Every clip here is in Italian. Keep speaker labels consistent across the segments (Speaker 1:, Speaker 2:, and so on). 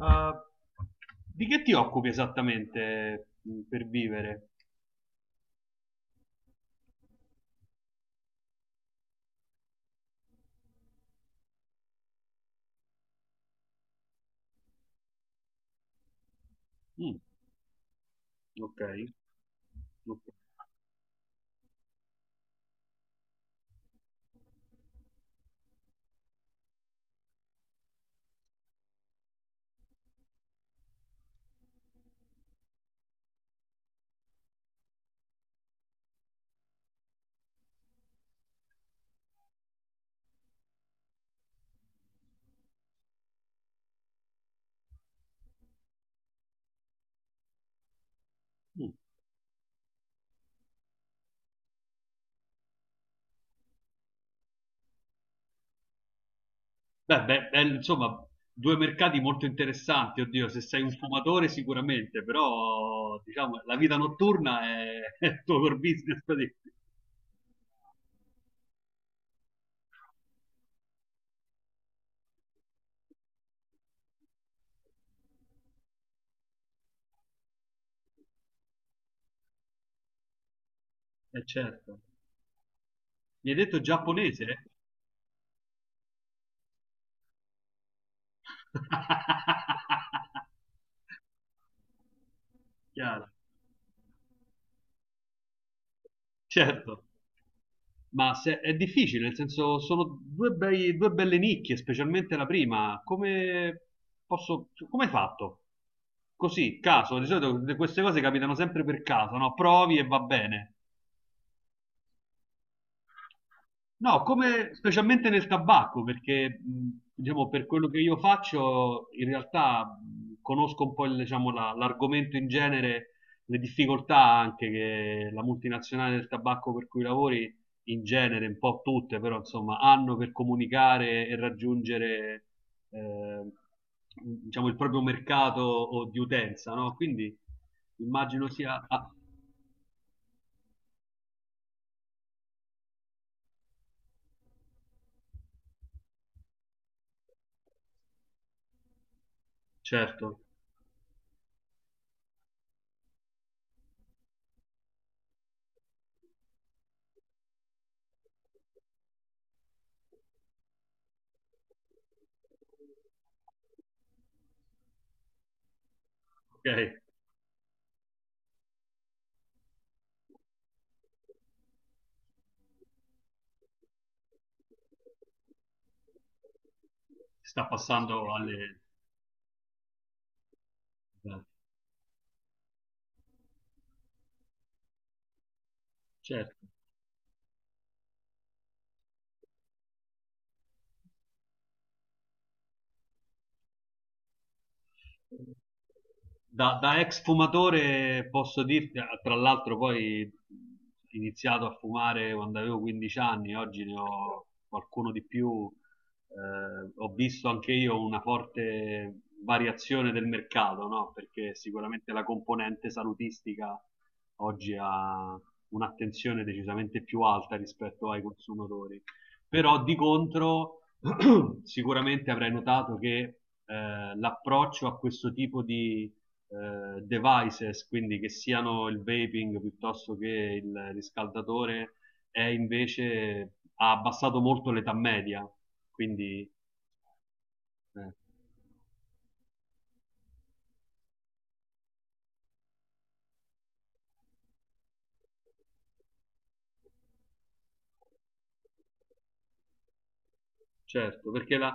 Speaker 1: Ah, di che ti occupi esattamente per vivere? Mm, ok. Ok. Mm. Beh, insomma, due mercati molto interessanti, oddio, se sei un fumatore sicuramente, però diciamo la vita notturna è, è il tuo core business. Praticamente. Certo. Mi hai detto giapponese? Chiaro, certo. Ma è difficile, nel senso sono due belle nicchie, specialmente la prima. Come posso, come hai fatto? Così, caso, di solito queste cose capitano sempre per caso, no? Provi e va bene. No, come specialmente nel tabacco, perché diciamo, per quello che io faccio, in realtà conosco un po' il, diciamo, l'argomento in genere, le difficoltà anche che la multinazionale del tabacco per cui lavori, in genere, un po' tutte, però insomma, hanno per comunicare e raggiungere eh, diciamo, il proprio mercato o di utenza, no? Quindi immagino sia... ah, certo, ok, sta passando alle... Certo. Da, da ex fumatore posso dirti, tra l'altro poi ho iniziato a fumare quando avevo 15 anni, oggi ne ho qualcuno di più, ho visto anche io una forte variazione del mercato, no? Perché sicuramente la componente salutistica oggi ha un'attenzione decisamente più alta rispetto ai consumatori però di contro sicuramente avrai notato che l'approccio a questo tipo di devices, quindi che siano il vaping piuttosto che il riscaldatore, è invece ha abbassato molto l'età media. Quindi, eh, certo, perché la...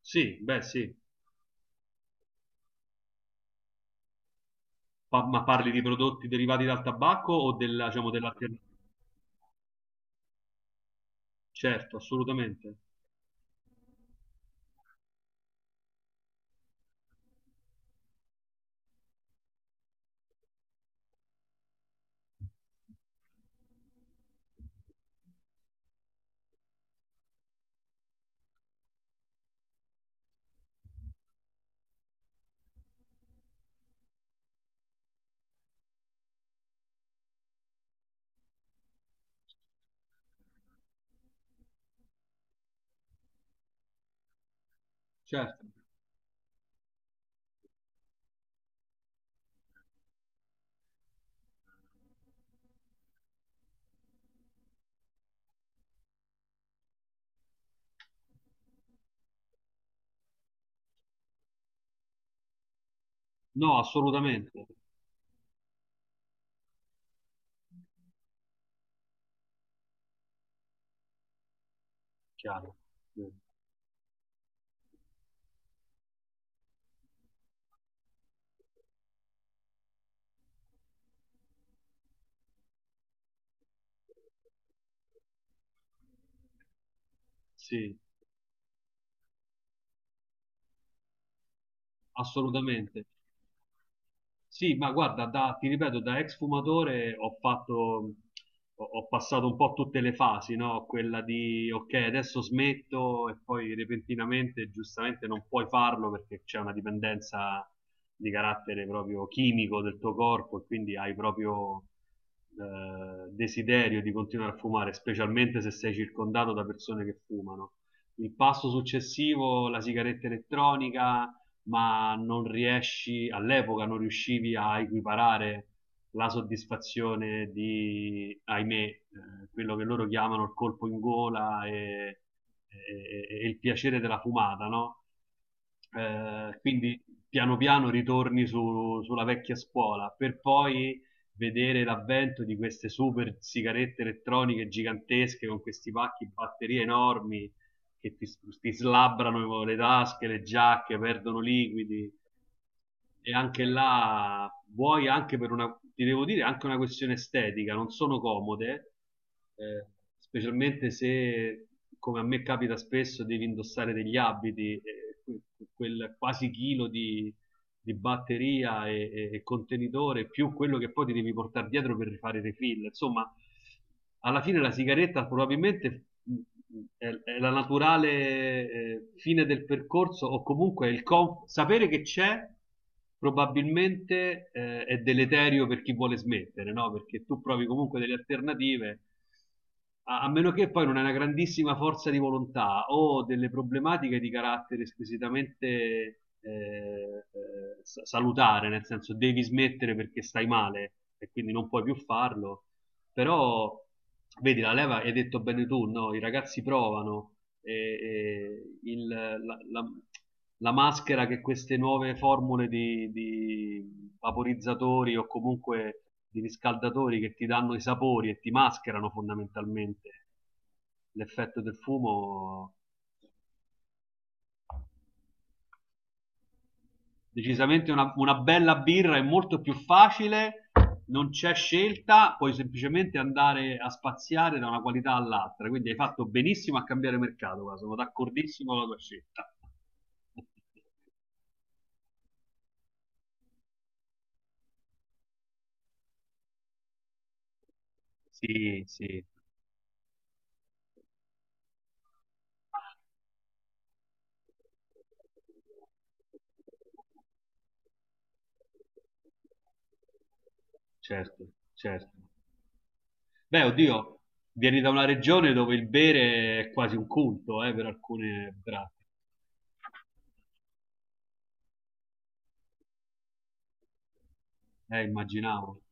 Speaker 1: Sì, beh, sì. Ma parli di prodotti derivati dal tabacco o della, diciamo, dell'alternativa? Certo, assolutamente. Certo. No, assolutamente. Chiaro. Mh. Sì, assolutamente. Sì, ma guarda, ti ripeto, da ex fumatore ho fatto, ho passato un po' tutte le fasi, no? Quella di, ok, adesso smetto e poi repentinamente, giustamente, non puoi farlo perché c'è una dipendenza di carattere proprio chimico del tuo corpo e quindi hai proprio desiderio di continuare a fumare, specialmente se sei circondato da persone che fumano. Il passo successivo, la sigaretta elettronica, ma non riesci, all'epoca non riuscivi a equiparare la soddisfazione di, ahimè, quello che loro chiamano il colpo in gola e il piacere della fumata, no? Quindi piano piano ritorni sulla vecchia scuola per poi vedere l'avvento di queste super sigarette elettroniche gigantesche con questi pacchi di batterie enormi che ti slabbrano le tasche, le giacche, perdono liquidi. E anche là, vuoi anche per una, ti devo dire, anche una questione estetica, non sono comode, eh, specialmente se, come a me capita spesso, devi indossare degli abiti, quel quasi chilo di batteria e contenitore più quello che poi ti devi portare dietro per rifare i refill. Insomma, alla fine la sigaretta probabilmente è, è la naturale fine del percorso o comunque il sapere che c'è probabilmente è deleterio per chi vuole smettere, no? Perché tu provi comunque delle alternative a, a meno che poi non hai una grandissima forza di volontà o delle problematiche di carattere squisitamente salutare, nel senso devi smettere perché stai male e quindi non puoi più farlo, però, vedi, la leva, hai detto bene tu, no? I ragazzi provano, e, la, la- la maschera che queste nuove formule di vaporizzatori o comunque di riscaldatori che ti danno i sapori e ti mascherano fondamentalmente l'effetto del fumo decisamente una bella birra è molto più facile, non c'è scelta, puoi semplicemente andare a spaziare da una qualità all'altra. Quindi hai fatto benissimo a cambiare mercato, guarda, sono d'accordissimo con la tua scelta. Sì, sì, certo, certo. Beh, oddio, vieni da una regione dove il bere è quasi un culto, per alcune braccia. Immaginavo.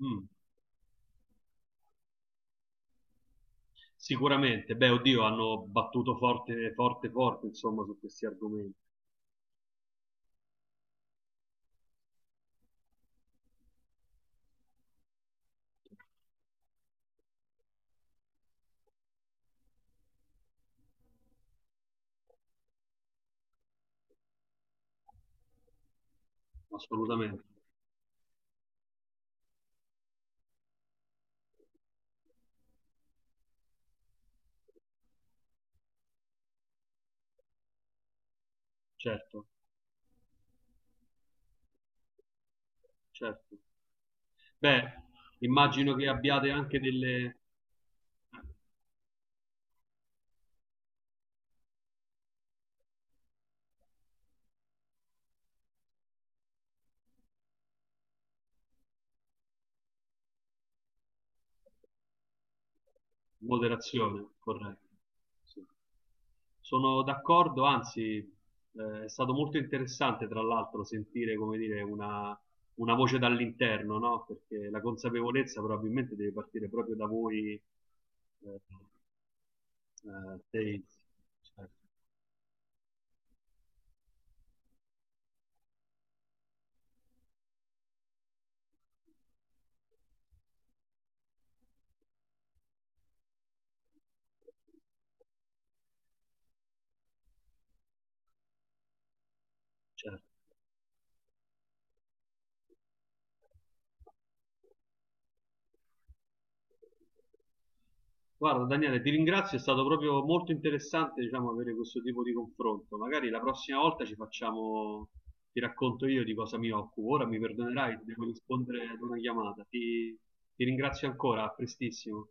Speaker 1: Mm, sicuramente. Beh, oddio, hanno battuto forte, forte, forte, insomma, su questi argomenti. Assolutamente, certo, certo. Beh, immagino che abbiate anche delle moderazioni, corretto. Sì. Sono d'accordo, anzi, è stato molto interessante, tra l'altro, sentire, come dire, una voce dall'interno, no? Perché la consapevolezza probabilmente deve partire proprio da voi, eh, dei- certo, certo. Guarda Daniele, ti ringrazio, è stato proprio molto interessante, diciamo, avere questo tipo di confronto. Magari la prossima volta ci facciamo, ti racconto io di cosa mi occupo. Ora mi perdonerai, devo rispondere ad una chiamata. Ti ringrazio ancora, a prestissimo.